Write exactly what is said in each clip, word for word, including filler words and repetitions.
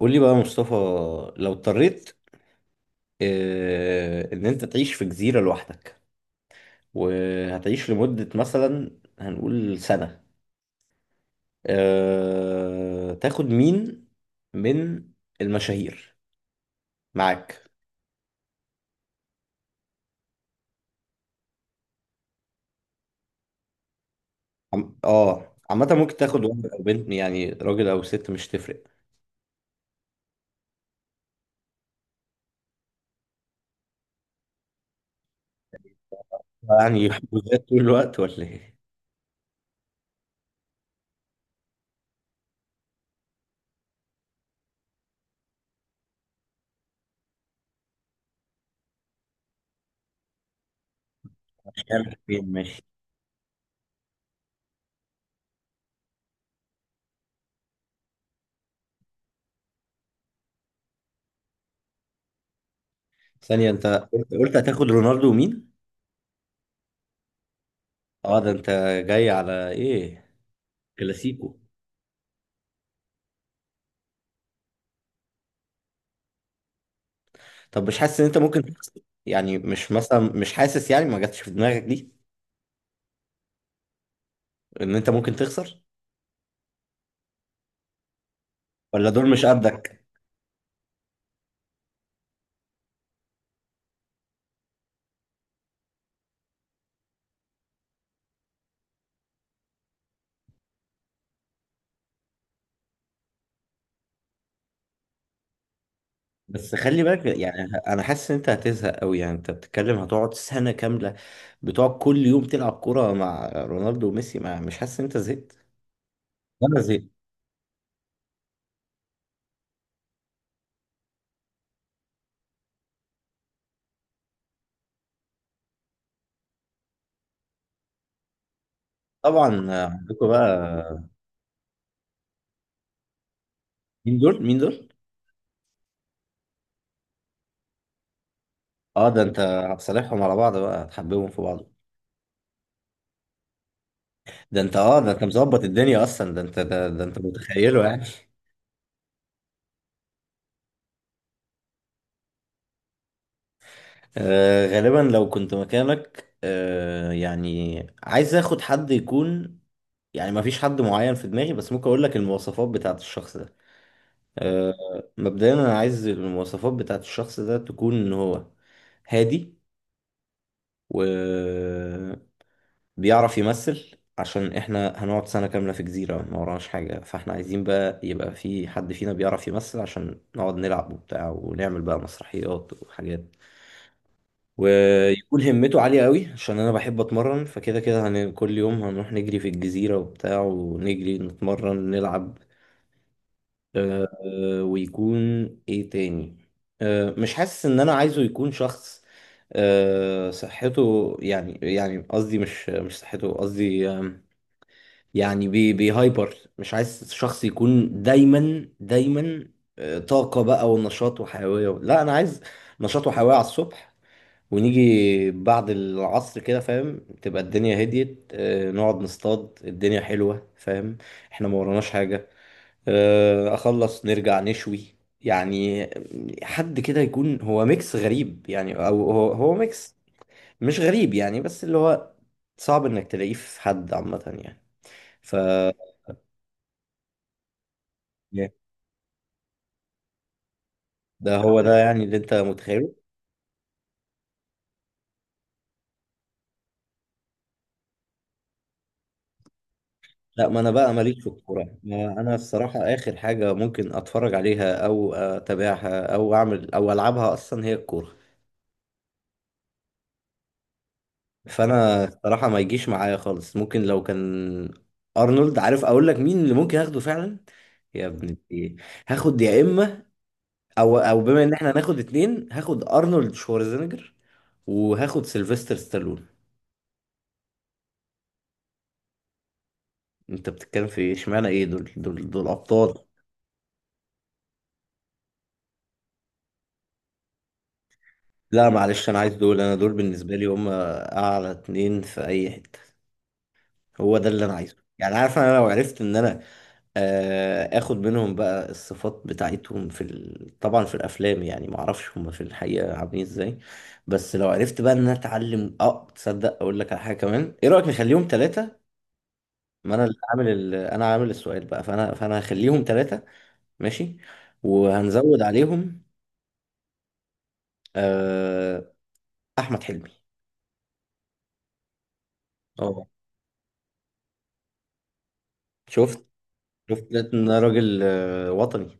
قول لي بقى يا مصطفى، لو اضطريت آه، ان انت تعيش في جزيرة لوحدك، وهتعيش لمدة مثلا هنقول سنة. آه، تاخد مين من المشاهير معاك؟ عم- اه عامة ممكن تاخد ولد او بنت، يعني راجل او ست مش تفرق. يعني يحبوا ذات طول الوقت ولا ايه؟ مش عارف فين ماشي. ثانية، انت قلت قلت هتاخد رونالدو ومين؟ اه ده انت جاي على ايه؟ كلاسيكو. طب مش حاسس ان انت ممكن تخسر؟ يعني مش مثلا مش حاسس يعني ما جاتش في دماغك دي ان انت ممكن تخسر؟ ولا دول مش قدك؟ بس خلي بالك يعني، انا حاسس ان انت هتزهق قوي. يعني انت بتتكلم هتقعد سنة كاملة بتقعد كل يوم تلعب كورة مع رونالدو وميسي. ما مش حاسس ان انت زهقت ولا زهقت؟ طبعا. عندكم بقى، مين دول مين دول؟ اه ده انت هتصالحهم على بعض بقى، هتحببهم في بعض. ده انت اه ده انت مظبط الدنيا اصلا، ده انت ده, ده انت متخيله يعني. آه غالبا لو كنت مكانك، آه يعني عايز اخد حد يكون، يعني ما فيش حد معين في دماغي، بس ممكن اقول لك المواصفات بتاعت الشخص ده. آه مبدئيا انا عايز المواصفات بتاعت الشخص ده تكون ان هو هادي، وبيعرف يمثل، عشان احنا هنقعد سنة كاملة في جزيرة ما وراناش حاجة، فاحنا عايزين بقى يبقى في حد فينا بيعرف يمثل عشان نقعد نلعب وبتاع ونعمل بقى مسرحيات وحاجات. ويكون همته عالية قوي عشان انا بحب اتمرن، فكده كده هن... كل يوم هنروح نجري في الجزيرة وبتاع، ونجري نتمرن نلعب. آه، آه، ويكون ايه تاني، آه، مش حاسس ان انا عايزه يكون شخص، آه، صحته يعني، يعني قصدي مش مش صحته، قصدي آم، يعني بي بيهايبر. مش عايز شخص يكون دايما دايما، آه، طاقة بقى ونشاط وحيوية. لا انا عايز نشاط وحيوية على الصبح، ونيجي بعد العصر كده فاهم، تبقى الدنيا هديت، آه، نقعد نصطاد، الدنيا حلوة فاهم، احنا ما وراناش حاجة، آه، اخلص نرجع نشوي يعني. حد كده يكون هو ميكس غريب يعني، او هو هو ميكس مش غريب يعني، بس اللي هو صعب انك تلاقيه في حد عامة يعني. ف ده هو ده يعني اللي انت متخيله. لا ما انا بقى ماليش في الكوره، ما انا الصراحه اخر حاجه ممكن اتفرج عليها او اتابعها او اعمل او العبها اصلا هي الكوره. فانا الصراحه ما يجيش معايا خالص. ممكن لو كان ارنولد، عارف اقول لك مين اللي ممكن اخده فعلا؟ يا ابن ايه، هاخد يا اما، او او بما ان احنا هناخد اتنين، هاخد ارنولد شوارزنيجر وهاخد سيلفستر ستالون. انت بتتكلم في ايه اشمعنى ايه، دول دول دول ابطال. لا معلش انا عايز دول، انا دول بالنسبه لي هم اعلى اتنين في اي حته. هو ده اللي انا عايزه يعني، عارف انا لو عرفت ان انا آه، اخد منهم بقى الصفات بتاعتهم في ال... طبعا في الافلام، يعني ما اعرفش هم في الحقيقه عاملين ازاي. بس لو عرفت بقى ان انا اتعلم. اه، تصدق اقول لك على حاجه كمان، ايه رايك نخليهم ثلاثه؟ ما انا اللي عامل ال... انا عامل السؤال بقى، فانا فانا هخليهم ثلاثه. ماشي. وهنزود عليهم آه، احمد حلمي. اه، شفت؟ شفت لقيت ان أنا راجل آه، وطني.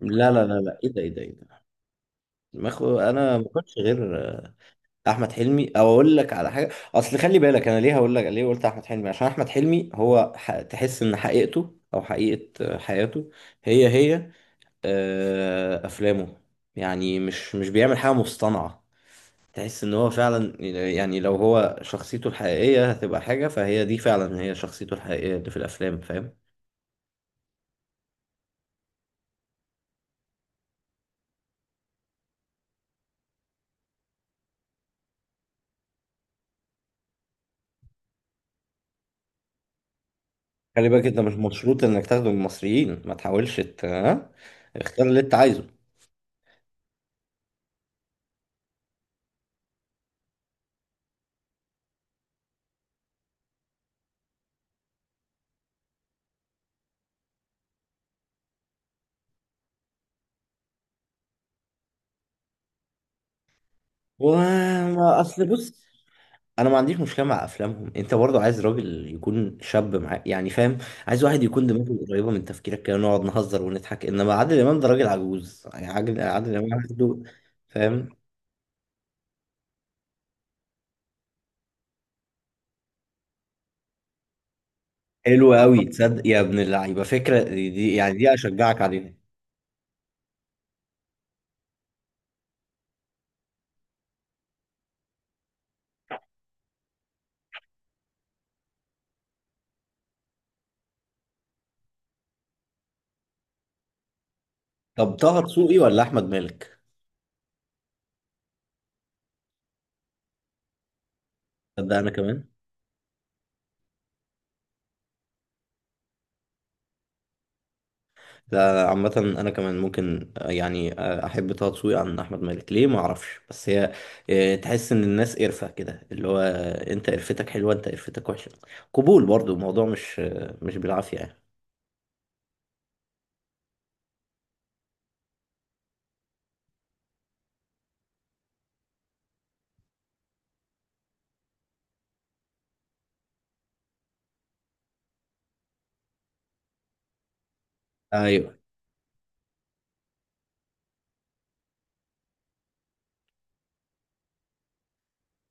لا لا لا لا، ايه ده ايه ده ايه ده. ما خو... انا ما كنتش غير احمد حلمي. او اقول لك على حاجه، اصل خلي بالك انا ليه هقول لك ليه قلت احمد حلمي، عشان احمد حلمي هو ح... تحس ان حقيقته او حقيقه حياته هي هي آه، افلامه. يعني مش مش بيعمل حاجه مصطنعه، تحس ان هو فعلا، يعني لو هو شخصيته الحقيقيه هتبقى حاجه، فهي دي فعلا هي شخصيته الحقيقيه اللي في الافلام فاهم. خلي بالك انت مش مشروط انك تاخده من المصريين، ما تحاولش ت- ها؟ اختار اللي انت عايزه. وما اصل بص، انا ما عنديش مشكله مع افلامهم. انت برضو عايز راجل يكون شاب معاك يعني فاهم، عايز واحد يكون دماغه قريبه من تفكيرك، كده نقعد نهزر ونضحك. انما عادل امام ده راجل عجوز يعني، عادل عادل امام عنده فاهم. حلو قوي تصدق يا ابن اللعيبه، فكره دي دي- يعني دي اشجعك عليها. طب طه دسوقي ولا احمد مالك؟ تصدق انا كمان، لا عامة أنا كمان ممكن آه، يعني آه، أحب طه دسوقي عن أحمد مالك. ليه؟ ما أعرفش، بس هي آه، تحس إن الناس قرفة كده، اللي هو آه، أنت قرفتك حلوة، أنت قرفتك وحشة. قبول برضو الموضوع مش آه، مش بالعافية يعني. أيوه.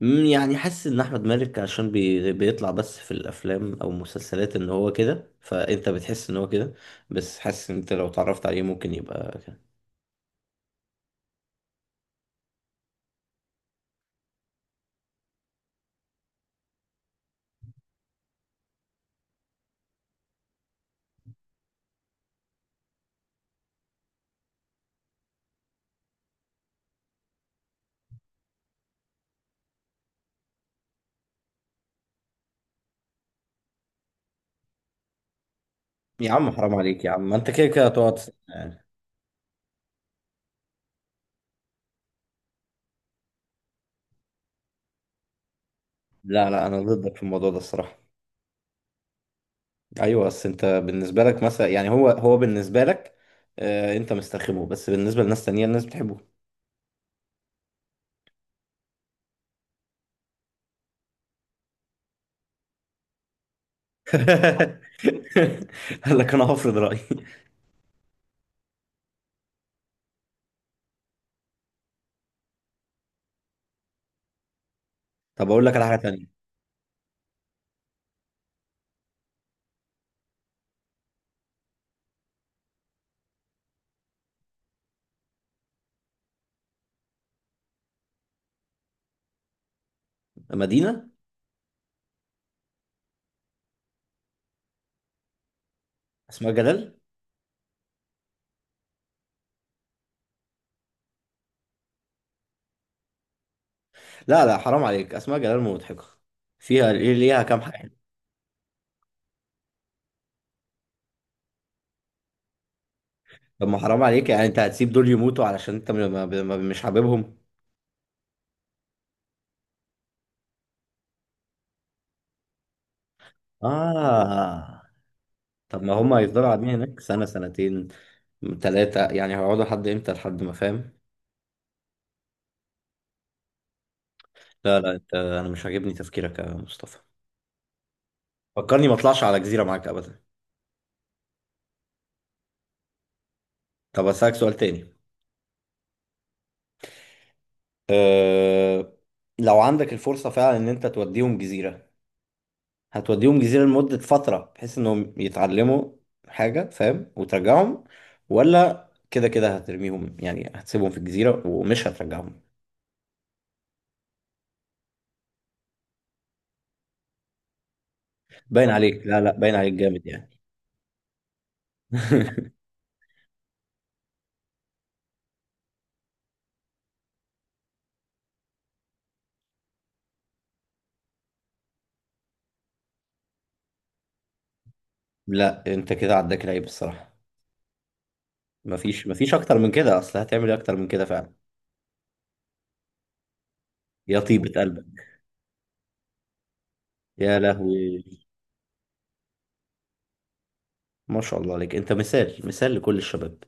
مم، يعني حاسس إن أحمد مالك عشان بي بيطلع بس في الأفلام أو المسلسلات إن هو كده، فأنت بتحس إن هو كده. بس حاسس إن أنت لو اتعرفت عليه ممكن يبقى كده. يا عم حرام عليك، يا عم ما أنت كده كده هتقعد سنة يعني. لا لا، أنا ضدك في الموضوع ده الصراحة. ايوه بس انت بالنسبه لك مثلا يعني، هو هو بالنسبه لك آه انت مستخدمه، بس بالنسبه لناس تانية الناس بتحبه. قال لك انا هفرض رايي. طب اقول لك على حاجه تانية. مدينه؟ اسمها جلال. لا لا حرام عليك، اسمها جلال مضحكه، فيها ليه، ليها كام حاجه. طب ما حرام عليك يعني، انت هتسيب دول يموتوا علشان انت م- ما- ما- مش حاببهم؟ اه. طب ما هم هيفضلوا قاعدين هناك سنه، سنتين، ثلاثه، يعني هيقعدوا لحد امتى؟ لحد ما فاهم. لا لا، انت انا مش عاجبني تفكيرك يا مصطفى. فكرني ما اطلعش على جزيرة معاك ابدا. طب اسالك سؤال تاني. أه... لو عندك الفرصة فعلا ان انت توديهم جزيرة، هتوديهم جزيرة لمدة فترة بحيث انهم يتعلموا حاجة فاهم وترجعهم، ولا كده كده هترميهم يعني هتسيبهم في الجزيرة ومش هترجعهم؟ باين عليك. لا لا باين عليك جامد يعني. لا انت كده عداك العيب الصراحة. مفيش مفيش اكتر من كده، اصل هتعمل ايه اكتر من كده فعلا. يا طيبة قلبك. يا لهوي. ما شاء الله عليك، انت مثال مثال لكل الشباب.